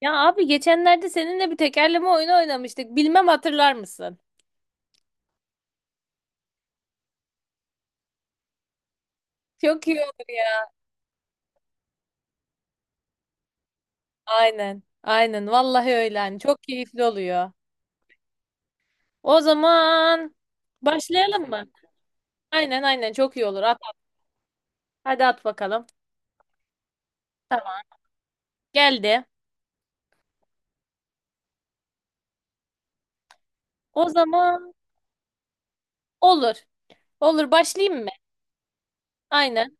Ya abi geçenlerde seninle bir tekerleme oyunu oynamıştık. Bilmem hatırlar mısın? Çok iyi olur ya. Aynen. Aynen. Vallahi öyle. Hani çok keyifli oluyor. O zaman başlayalım mı? Aynen aynen. Çok iyi olur. At, at. Hadi at bakalım. Tamam. Geldi. O zaman olur. Olur. Başlayayım mı? Aynen.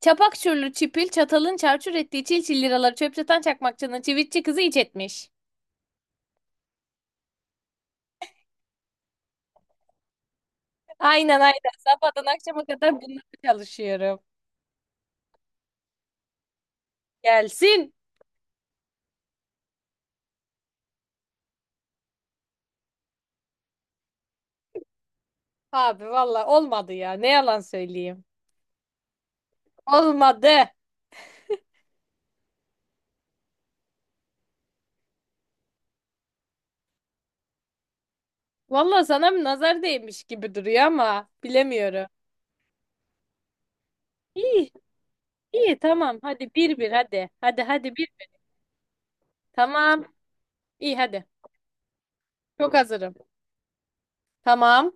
Çapak çürlü çipil çatalın çarçur ettiği çil çil liraları çöpçatan çakmakçının çivitçi kızı iç etmiş. Aynen aynen. Sabahtan akşama kadar bununla çalışıyorum. Gelsin. Abi valla olmadı ya. Ne yalan söyleyeyim. Olmadı. Valla sana bir nazar değmiş gibi duruyor ama bilemiyorum. İyi, iyi tamam. Hadi bir bir hadi. Hadi hadi bir. Tamam. İyi hadi. Çok hazırım. Tamam.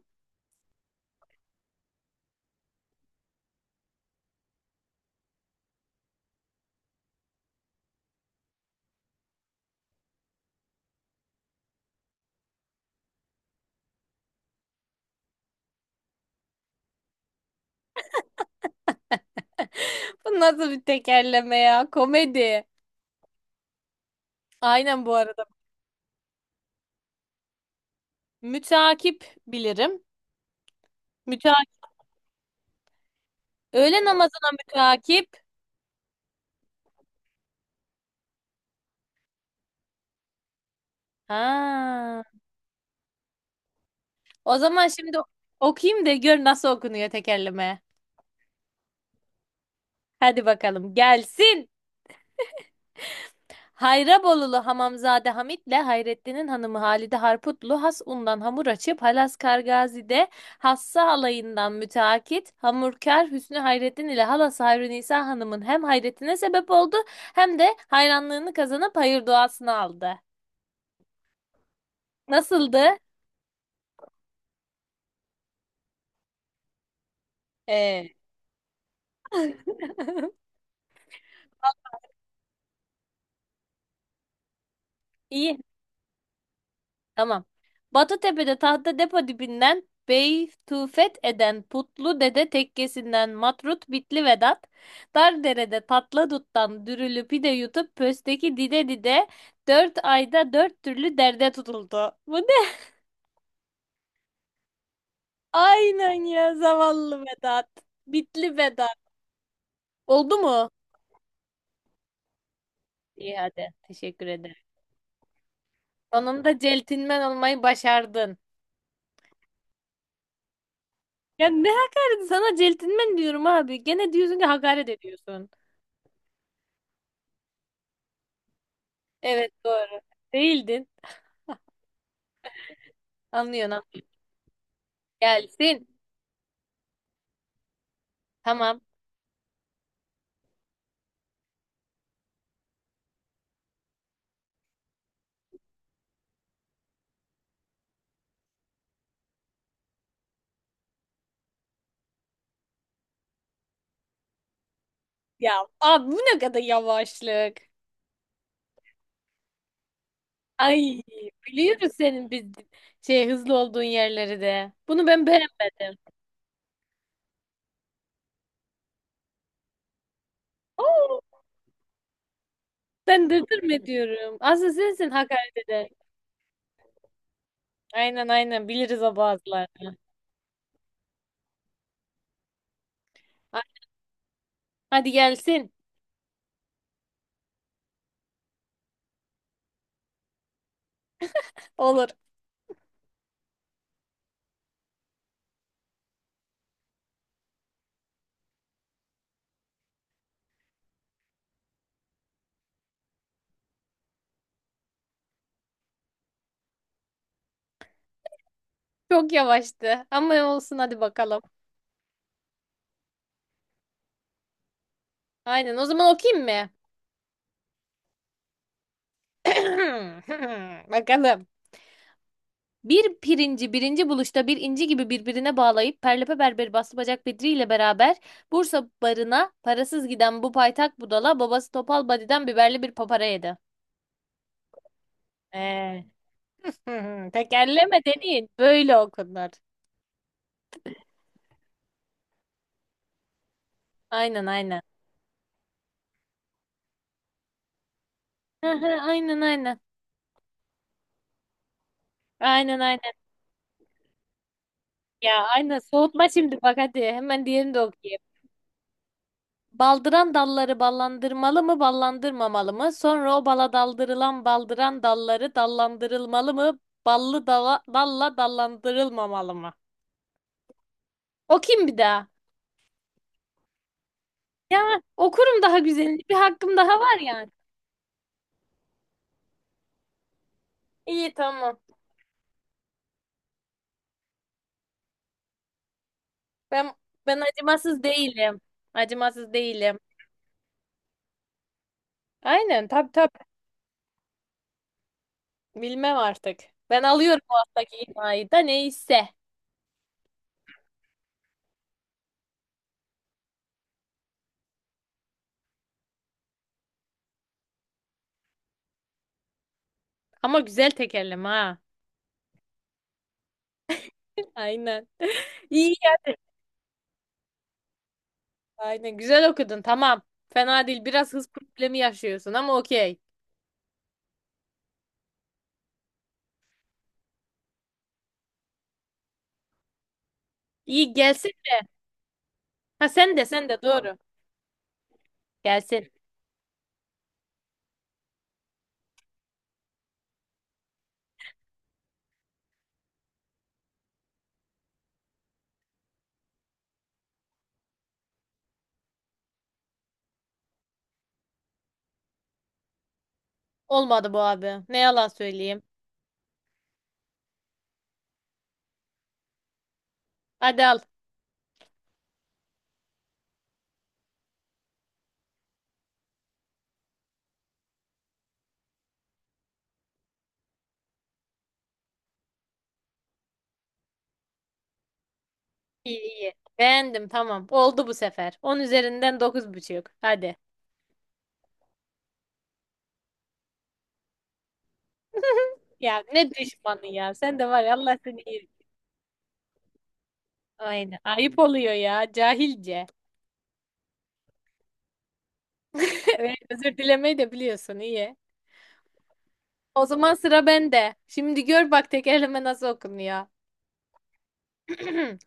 Bu nasıl bir tekerleme ya? Komedi. Aynen bu arada. Mütakip bilirim. Mütakip. Öğle namazına mütakip. Ha. O zaman şimdi okuyayım da gör nasıl okunuyor tekerleme. Hadi bakalım gelsin. Hayrabolulu Hamamzade Hamit'le Hayrettin'in hanımı Halide Harputlu has undan hamur açıp Halas Kargazi'de hassa alayından müteakit hamurkar Hüsnü Hayrettin ile halası Hayri Nisa Hanım'ın hem hayretine sebep oldu hem de hayranlığını kazanıp hayır duasını aldı. Nasıldı? Ee, İyi. Tamam. Batıtepe'de tahta depo dibinden Beytufet eden Putlu Dede tekkesinden Matrut Bitli Vedat, Dardere'de tatlı duttan dürülü pide yutup pösteki dide dide dört ayda dört türlü derde tutuldu. Bu ne? Aynen ya zavallı Vedat. Bitli Vedat. Oldu mu? İyi hadi. Teşekkür ederim. Sonunda celtinmen olmayı başardın. Ya ne hakaret, sana celtinmen diyorum abi. Gene diyorsun ki hakaret ediyorsun. Evet doğru. Değildin. Anlıyorum. Gelsin. Tamam. Ya abi bu ne kadar yavaşlık. Ay biliyoruz senin biz şey hızlı olduğun yerleri de. Bunu ben beğenmedim. Oo, ben dırdır mı diyorum? Aslında sensin hakaret eden. Aynen aynen, biliriz o bazılarını. Ha- Hadi gelsin. Olur. Çok yavaştı. Ama olsun hadi bakalım. Aynen, o zaman okuyayım mı? Bakalım. Bir pirinci birinci buluşta bir inci gibi birbirine bağlayıp Perlepe Berberi Bastı Bacak Bedri ile beraber Bursa barına parasız giden bu paytak budala babası Topal Badi'den biberli bir papara yedi. Ee, hı hı, tekerleme dediğin böyle okunur. Aynen aynen. Hı hı, aynen aynen. Aynen aynen. Ya aynen, soğutma şimdi bak, hadi hemen diğerini de okuyayım. Baldıran dalları ballandırmalı mı, ballandırmamalı mı? Sonra o bala daldırılan baldıran dalları dallandırılmalı mı? Ballı dala, dalla dallandırılmamalı mı? Okuyayım bir daha. Ya okurum daha güzelini. Bir hakkım daha var yani. İyi tamam. Ben ben acımasız değilim. Acımasız değilim. Aynen tabii tabii. Bilmem artık. Ben alıyorum o alttaki imayı da, neyse. Ama güzel tekerleme ha. Aynen. İyi. Aynen güzel okudun tamam. Fena değil. Biraz hız problemi yaşıyorsun ama okey. İyi gelsin de. Ha, sen de sen de doğru. Gelsin. Olmadı bu abi. Ne yalan söyleyeyim. Hadi al. İyi iyi. Beğendim tamam. Oldu bu sefer. 10 üzerinden 9,5. Hadi. Ya ne düşmanı ya. Sen de var ya, Allah seni iyi. Aynen. Ayıp oluyor ya. Cahilce. Öyle özür dilemeyi de biliyorsun. İyi. O zaman sıra bende. Şimdi gör bak, tekerleme nasıl okunuyor.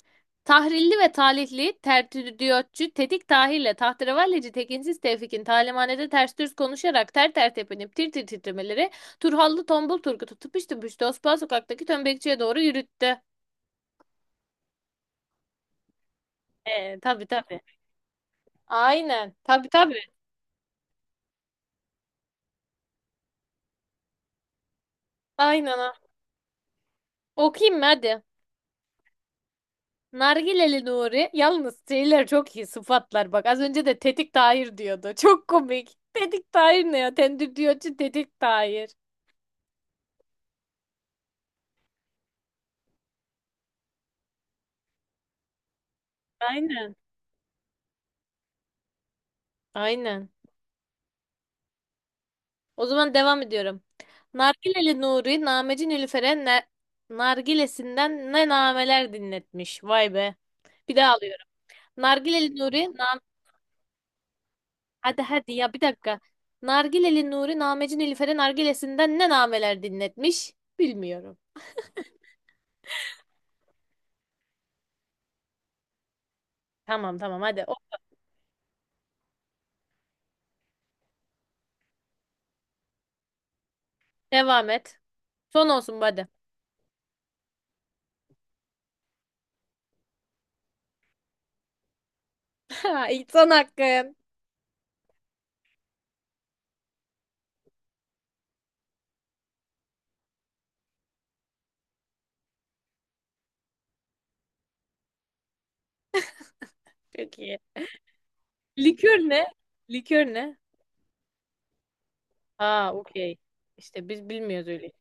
Tahrilli ve talihli, tertüdyotçu, tetik tahirle, tahterevalleci, tekinsiz tevfikin, talimhanede ters düz konuşarak, ter ter tepinip, tir tir titremeleri, Turhallı tombul Turgut'u tıpış tıpış Tosbağa sokaktaki tömbekçiye doğru yürüttü. Tabii tabii. Aynen. Tabii tabii. Aynen ha. Okuyayım mı hadi. Nargileli Nuri. Yalnız şeyler çok iyi sıfatlar bak. Az önce de tetik tahir diyordu. Çok komik. Tetik tahir ne ya? Tendürdiyotçu tetik tahir. Aynen. Aynen. O zaman devam ediyorum. Nargileli Nuri, Nameci Nilüfer'e nargilesinden ne nameler dinletmiş. Vay be. Bir daha alıyorum. Nargileli Nuri, hadi hadi ya, bir dakika. Nargileli Nuri, Nameci Nilüfer'e nargilesinden ne nameler dinletmiş? Bilmiyorum. Tamam tamam hadi. O, devam et. Son olsun bu hadi. Ha, son hakkın. Çok iyi. Likör ne? Likör ne? Aa okey. İşte biz bilmiyoruz öyle.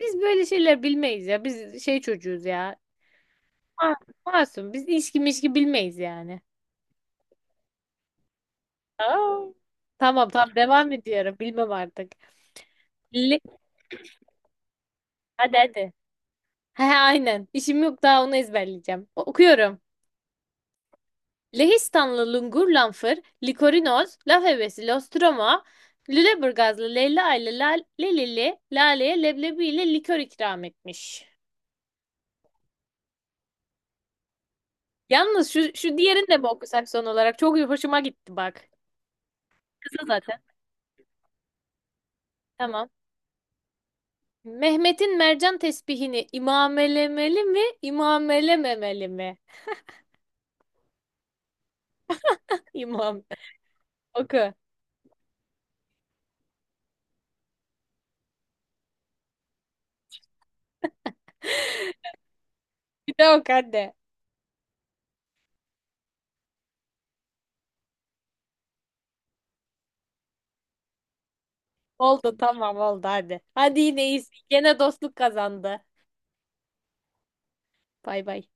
Biz böyle şeyler bilmeyiz ya. Biz şey çocuğuz ya. Ma- Masum. Biz ilişki mişki bilmeyiz yani. Aa. Tamam tamam devam ediyorum. Bilmem artık. Le- hadi hadi. He aynen. İşim yok daha onu ezberleyeceğim. Okuyorum. Lehistanlı Lungur Lanfır, Likorinoz, Laf Hevesi, Lostroma, Lüleburgazlı Leyla ile Lelili, Lale'ye leblebi ile likör ikram etmiş. Yalnız şu diğerini de mi okusak son olarak? Çok hoşuma gitti bak. Kısa zaten. Tamam. Mehmet'in mercan tesbihini imamelemeli mi, imamelememeli mi? İmam. Oku. Bir de oku hadi. Oldu tamam oldu hadi. Hadi yine iyisin. Gene dostluk kazandı. Bay bay.